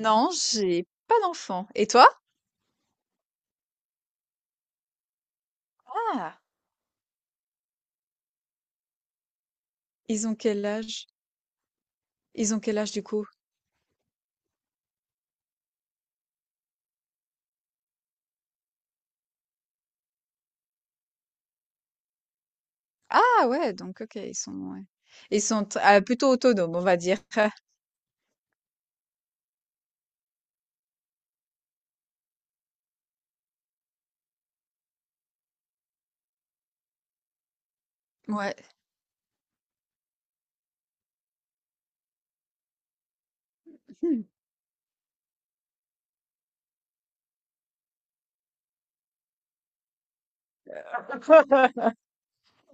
Non, j'ai pas d'enfant. Et toi? Ah! Ils ont quel âge? Ils ont quel âge du coup? Ah ouais, donc OK, ils sont ouais. Ils sont plutôt autonomes, on va dire. Ouais. Mmh.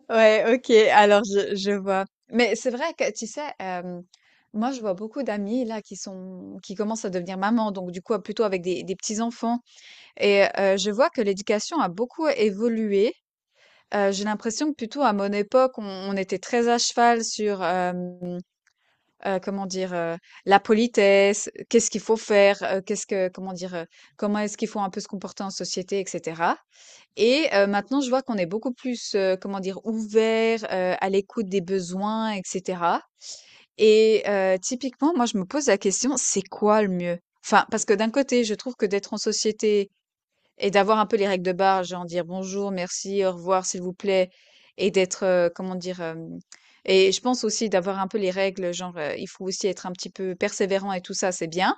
Ouais, OK, alors je vois. Mais c'est vrai que tu sais, moi je vois beaucoup d'amis là qui commencent à devenir maman, donc du coup plutôt avec des petits-enfants et je vois que l'éducation a beaucoup évolué. J'ai l'impression que plutôt à mon époque, on était très à cheval sur, hem comment dire, la politesse, qu'est-ce qu'il faut faire, qu'est-ce que comment dire, comment est-ce qu'il faut un peu se comporter en société et cetera. Et maintenant je vois qu'on est beaucoup plus, comment dire, ouvert, à l'écoute des besoins et cetera. Et typiquement moi je me pose la question: «C'est quoi le mieux?» Enfin, parce que d'un côté je trouve que d'être en société et d'avoir un peu les règles de base, genre dire bonjour, merci, au revoir, s'il vous plaît, et d'être, comment dire, hem et je pense aussi d'avoir un peu les règles, genre, il faut aussi être un petit peu persévérant et tout ça, c'est bien.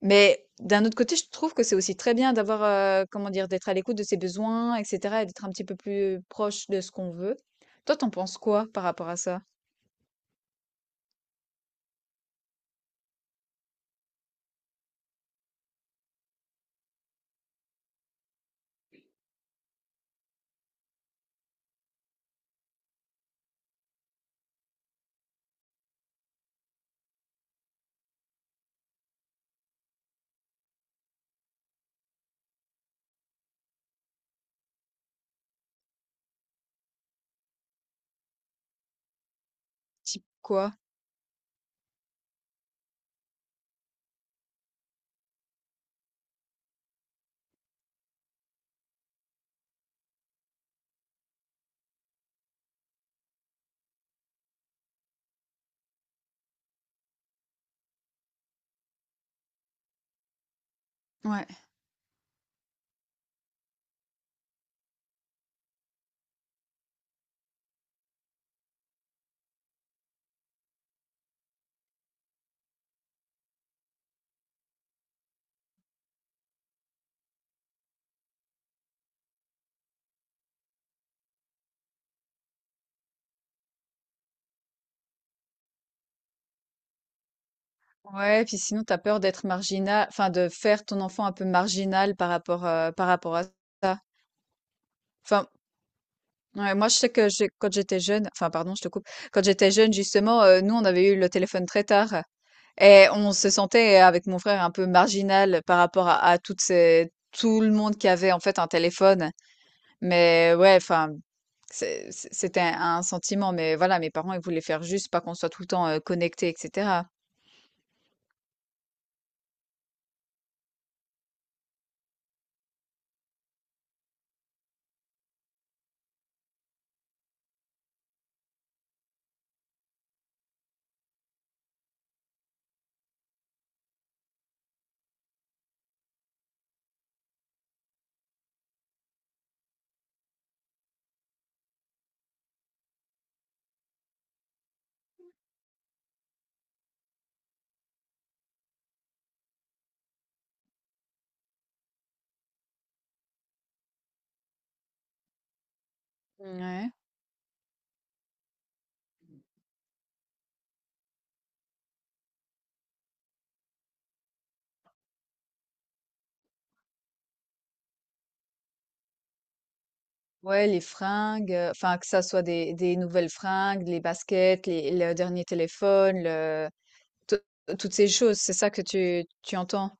Mais d'un autre côté, je trouve que c'est aussi très bien d'avoir, comment dire, d'être à l'écoute de ses besoins et cetera et d'être un petit peu plus proche de ce qu'on veut. Toi, t'en penses quoi par rapport à ça? Type quoi? Ouais. Ouais, puis sinon, t'as peur d'être marginal, enfin de faire ton enfant un peu marginal par rapport à ça. Enfin, ouais, moi, je sais que quand j'étais jeune, enfin, pardon, je te coupe. Quand j'étais jeune, justement, nous, on avait eu le téléphone très tard et on se sentait, avec mon frère, un peu marginal par rapport à tout le monde qui avait, en fait, un téléphone. Mais ouais, enfin, c'était un sentiment. Mais voilà, mes parents, ils voulaient faire juste pas qu'on soit tout le temps connecté, etc. Ouais. Ouais, les fringues, enfin, que ça soit des nouvelles fringues, les baskets, les le dernier téléphone, le tout toutes ces choses, c'est ça que tu entends?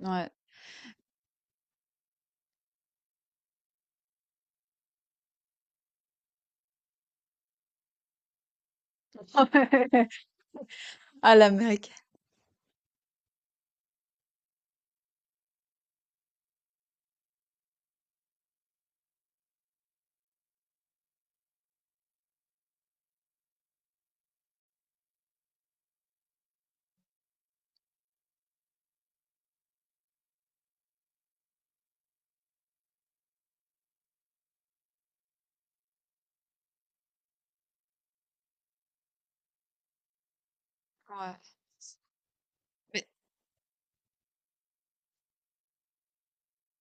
Ouais. À l'américaine, ouais. Mais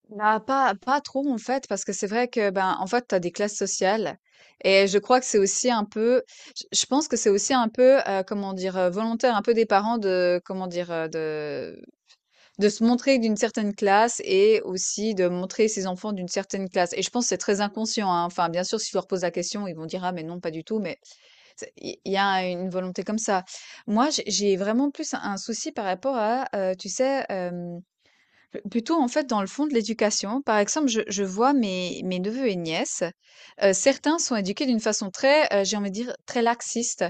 bah, pas trop, en fait, parce que c'est vrai que, ben, en fait, tu as des classes sociales et je crois que c'est aussi un peu, je pense que c'est aussi un peu, comment dire? Volontaire un peu des parents, de comment dire? De se montrer d'une certaine classe et aussi de montrer ses enfants d'une certaine classe. Et je pense que c'est très inconscient, hein. Enfin, bien sûr, si je leur pose la question, ils vont dire, ah, mais non, pas du tout, mais il y a une volonté comme ça. Moi, j'ai vraiment plus un souci par rapport à, tu sais, plutôt en fait dans le fond de l'éducation. Par exemple, je vois mes neveux et nièces, certains sont éduqués d'une façon très, j'ai envie de dire, très laxiste.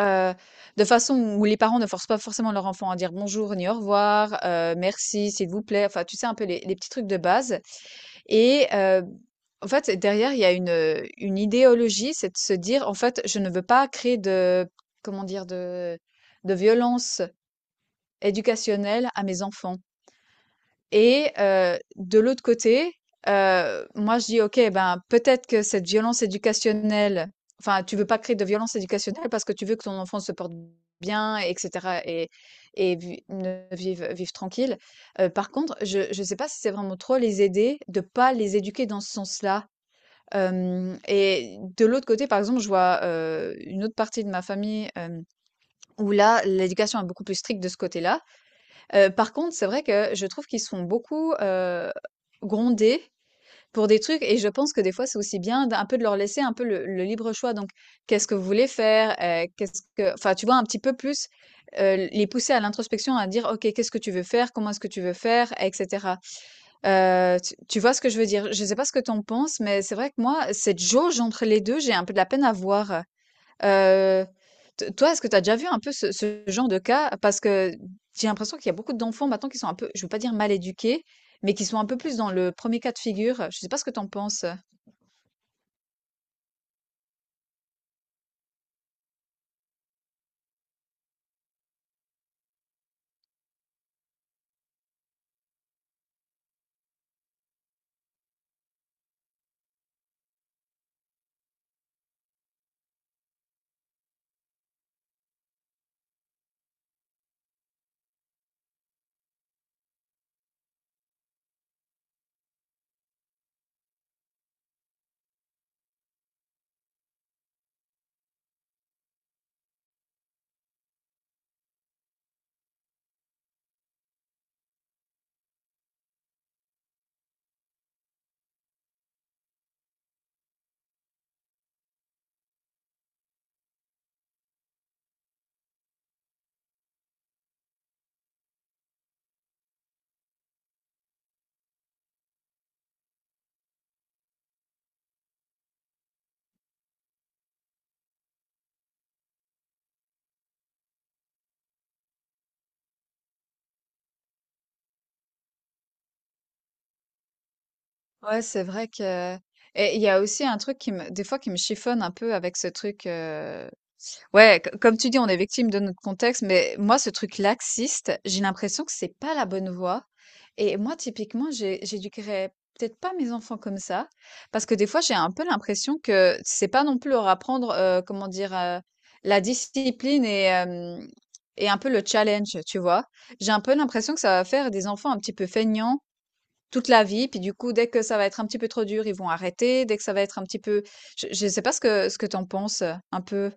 Heu, de façon où les parents ne forcent pas forcément leur enfant à dire «bonjour» ni «au revoir», «merci», «s'il vous plaît», enfin, tu sais, un peu les petits trucs de base. Et en fait, derrière, il y a une idéologie, c'est de se dire: «En fait, je ne veux pas créer de, comment dire? De violence éducationnelle à mes enfants». Et de l'autre côté, moi je dis: «OK, ben, peut-être que cette violence éducationnelle, enfin, tu veux pas créer de violence éducationnelle parce que tu veux que ton enfant se porte bien et cetera et vi ne vive tranquille». Par contre, je sais pas si c'est vraiment trop les aider de pas les éduquer dans ce sens-là. Hem Et de l'autre côté, par exemple, je vois, une autre partie de ma famille, où là, l'éducation est beaucoup plus stricte de ce côté-là. Par contre, c'est vrai que je trouve qu'ils sont beaucoup, grondés pour des trucs, et je pense que des fois, c'est aussi bien d'un peu de leur laisser un peu le libre choix. Donc, qu'est-ce que vous voulez faire? Qu'est-ce que, enfin, tu vois? Un petit peu plus, les pousser à l'introspection, à dire: «OK, qu'est-ce que tu veux faire? Comment est-ce que tu veux faire?» et cetera. Tu vois ce que je veux dire? Je sais pas ce que tu en penses, mais c'est vrai que moi, cette jauge entre les 2, j'ai un peu de la peine à voir. Heu, t Toi, est-ce que tu as déjà vu un peu ce genre de cas? Parce que j'ai l'impression qu'il y a beaucoup d'enfants maintenant qui sont un peu, je veux pas dire mal éduqués, mais qui sont un peu plus dans le premier cas de figure. Je sais pas ce que tu en penses? Ouais, c'est vrai que et il y a aussi un truc qui me des fois qui me chiffonne un peu avec ce truc, ouais, comme tu dis, on est victime de notre contexte, mais moi, ce truc laxiste, j'ai l'impression que c'est pas la bonne voie. Et moi, typiquement, j'éduquerais peut-être pas mes enfants comme ça, parce que des fois, j'ai un peu l'impression que c'est pas non plus leur apprendre, comment dire, la discipline et un peu le challenge, tu vois. J'ai un peu l'impression que ça va faire des enfants un petit peu feignants toute la vie, puis du coup, dès que ça va être un petit peu trop dur, ils vont arrêter, dès que ça va être un petit peu... je sais pas ce que, ce que t'en penses, un peu.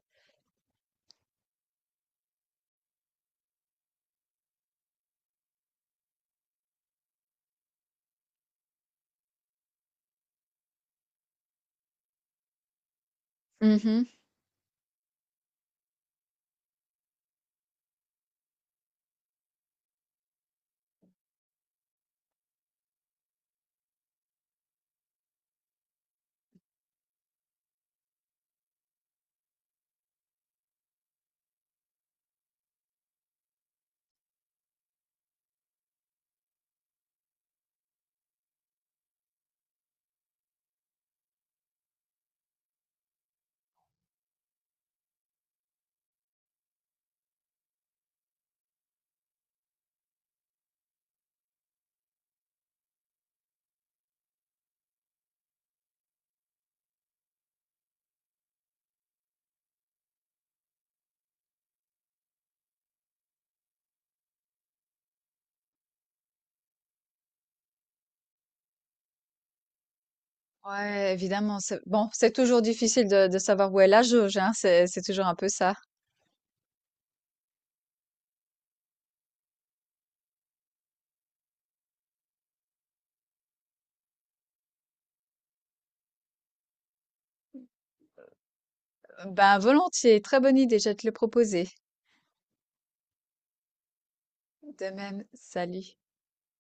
Ouais, évidemment. C'est... Bon, c'est toujours difficile de savoir où est la jauge, hein, c'est toujours un peu ça. Ben, volontiers. Très bonne idée, je vais te le proposer. De même, salut.